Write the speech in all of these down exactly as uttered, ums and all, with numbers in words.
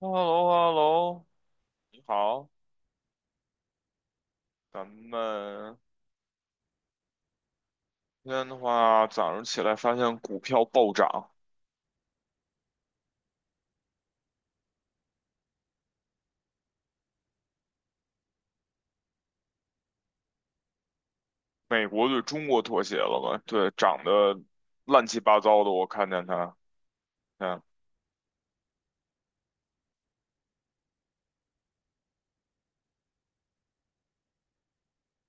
h e l l o h e l l o 你好。咱们今天的话，早上起来发现股票暴涨。美国对中国妥协了吧？对，涨得乱七八糟的，我看见它。嗯，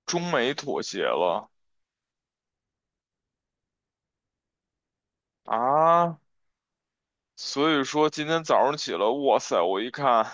中美妥协了啊。所以说今天早上起来，哇塞，我一看，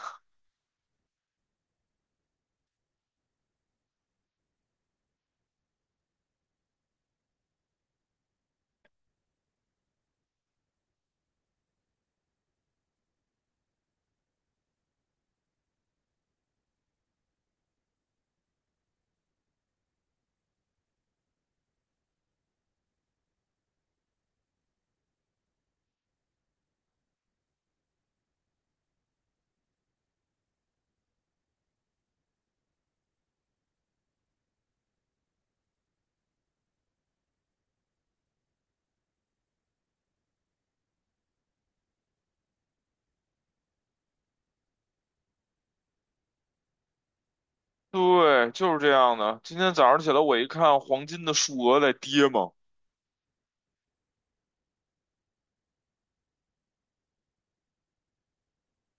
对，就是这样的。今天早上起来，我一看黄金的数额在跌嘛。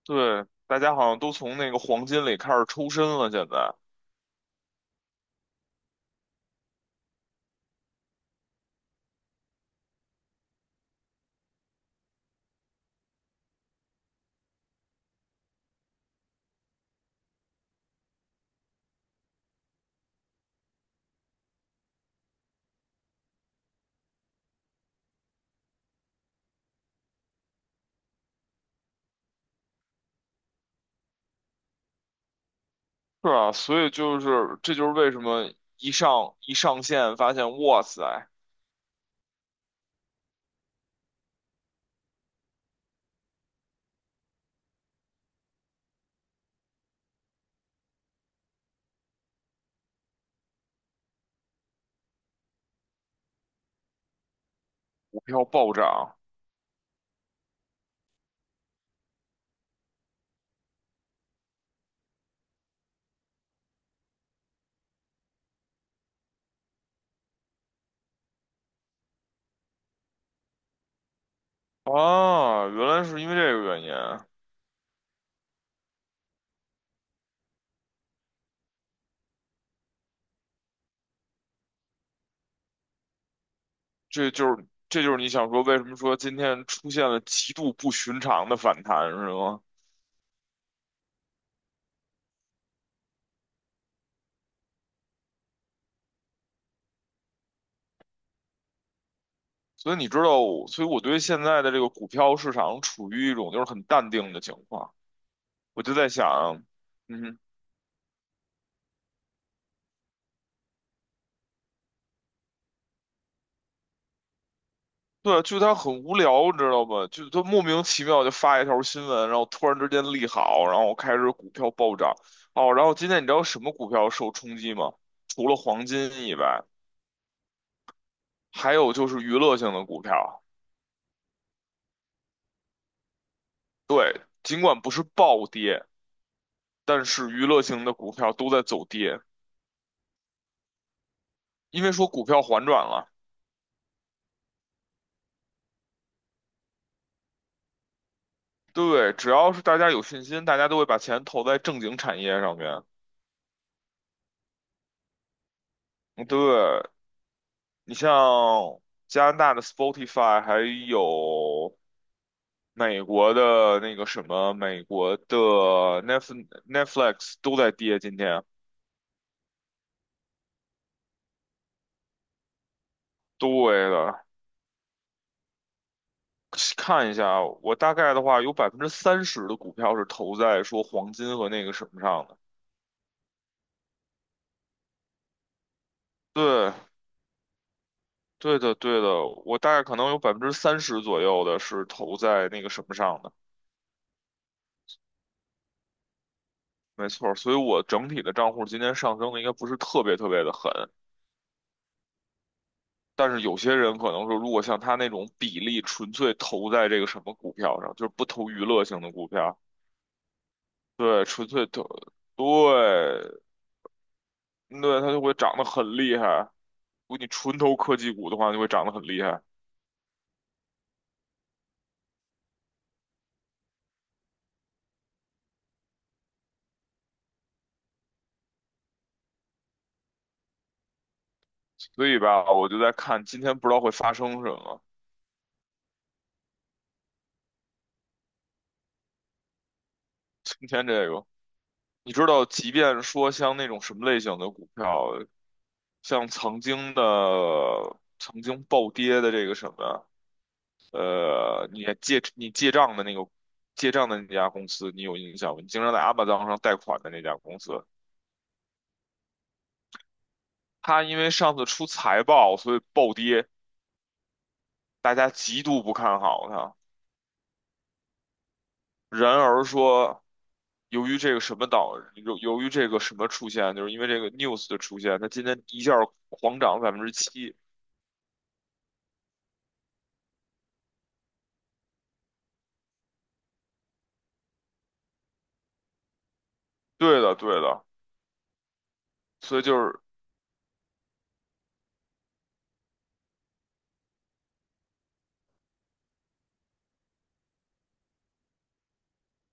对，大家好像都从那个黄金里开始抽身了，现在。是啊，所以就是这就是为什么一上一上线发现，哇塞，股票暴涨啊，原来是因为这个原因啊。这就是这就是你想说为什么说今天出现了极度不寻常的反弹是吗？所以你知道我所以我对现在的这个股票市场处于一种就是很淡定的情况，我就在想。嗯哼。对，就他很无聊，你知道吗？就他莫名其妙就发一条新闻，然后突然之间利好，然后开始股票暴涨。哦，然后今天你知道什么股票受冲击吗？除了黄金以外，还有就是娱乐性的股票。对，尽管不是暴跌，但是娱乐性的股票都在走跌，因为说股票反转了。对，只要是大家有信心，大家都会把钱投在正经产业上面。对，你像加拿大的 Spotify，还有。美国的那个什么，美国的 Netf Netflix 都在跌，今天。对的。看一下，我大概的话有百分之三十的股票是投在说黄金和那个什么上的。对，对的，对的，我大概可能有百分之三十左右的是投在那个什么上的。没错儿，所以我整体的账户今天上升的应该不是特别特别的狠。但是有些人可能说，如果像他那种比例纯粹投在这个什么股票上，就是不投娱乐性的股票。对，纯粹投，对，对，它就会涨得很厉害。如果你纯投科技股的话，就会长得很厉害。所以吧，我就在看今天不知道会发生什么。今天这个，你知道，即便说像那种什么类型的股票，像曾经的曾经暴跌的这个什么，呃，你借你借账的那个借账的那家公司，你有印象吗？你经常在阿 m a z 上贷款的那家公司。它因为上次出财报，所以暴跌。大家极度不看好它。然而说，由于这个什么导，由由于这个什么出现，就是因为这个 news 的出现，它今天一下儿狂涨百分之七。对的，对的，所以就是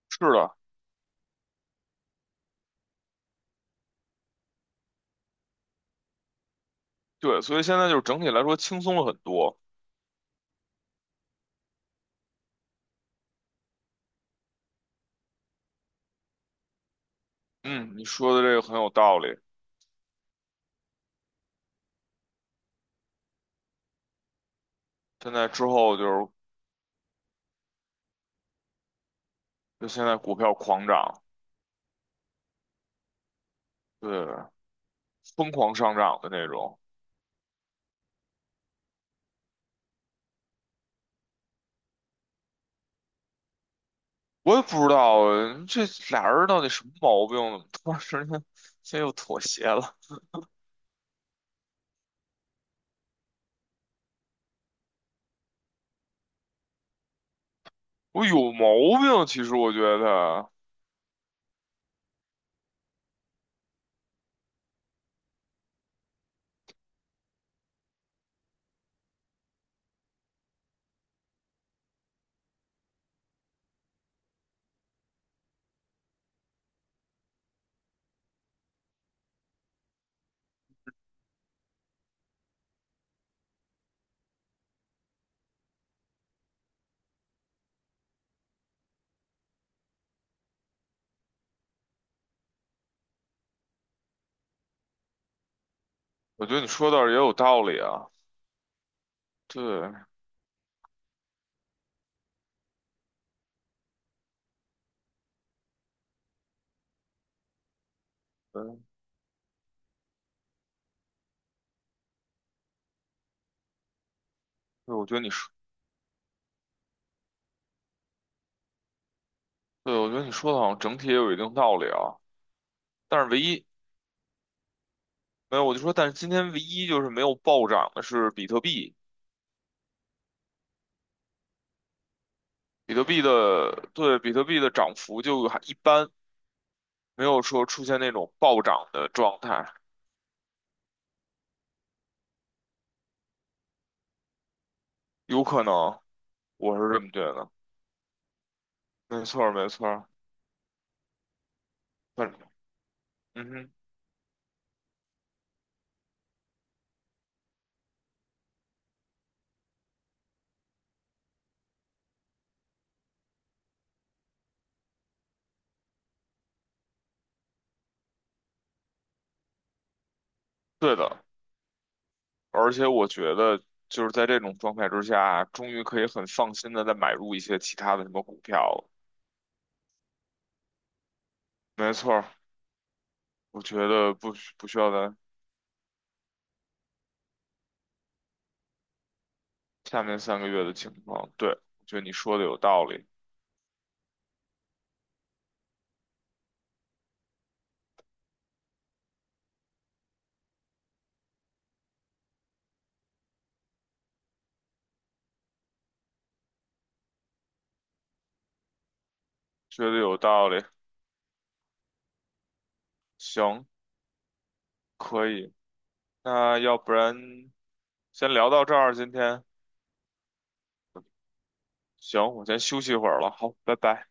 是的，对，所以现在就是整体来说轻松了很多。嗯，你说的这个很有道理。现在之后就是就现在股票狂涨，对，疯狂上涨的那种。我也不知道这俩人到底什么毛病，怎么突然之间现在又妥协了。我有毛病，其实我觉得，我觉得你说的也有道理啊。对，嗯，对，我觉得你说，对，我觉得你说的好像整体也有一定道理啊。但是唯一没有，我就说，但是今天唯一就是没有暴涨的是比特币。比特币的，对，比特币的涨幅就还一般，没有说出现那种暴涨的状态。有可能，我是这么觉得。没错儿，没错儿。反嗯哼。对的。而且我觉得就是在这种状态之下啊，终于可以很放心的再买入一些其他的什么股票了。没错儿，我觉得不需不需要在下面三个月的情况。对，我觉得你说的有道理。觉得有道理。行，可以。那要不然先聊到这儿，今天。行，我先休息一会儿了。好，拜拜。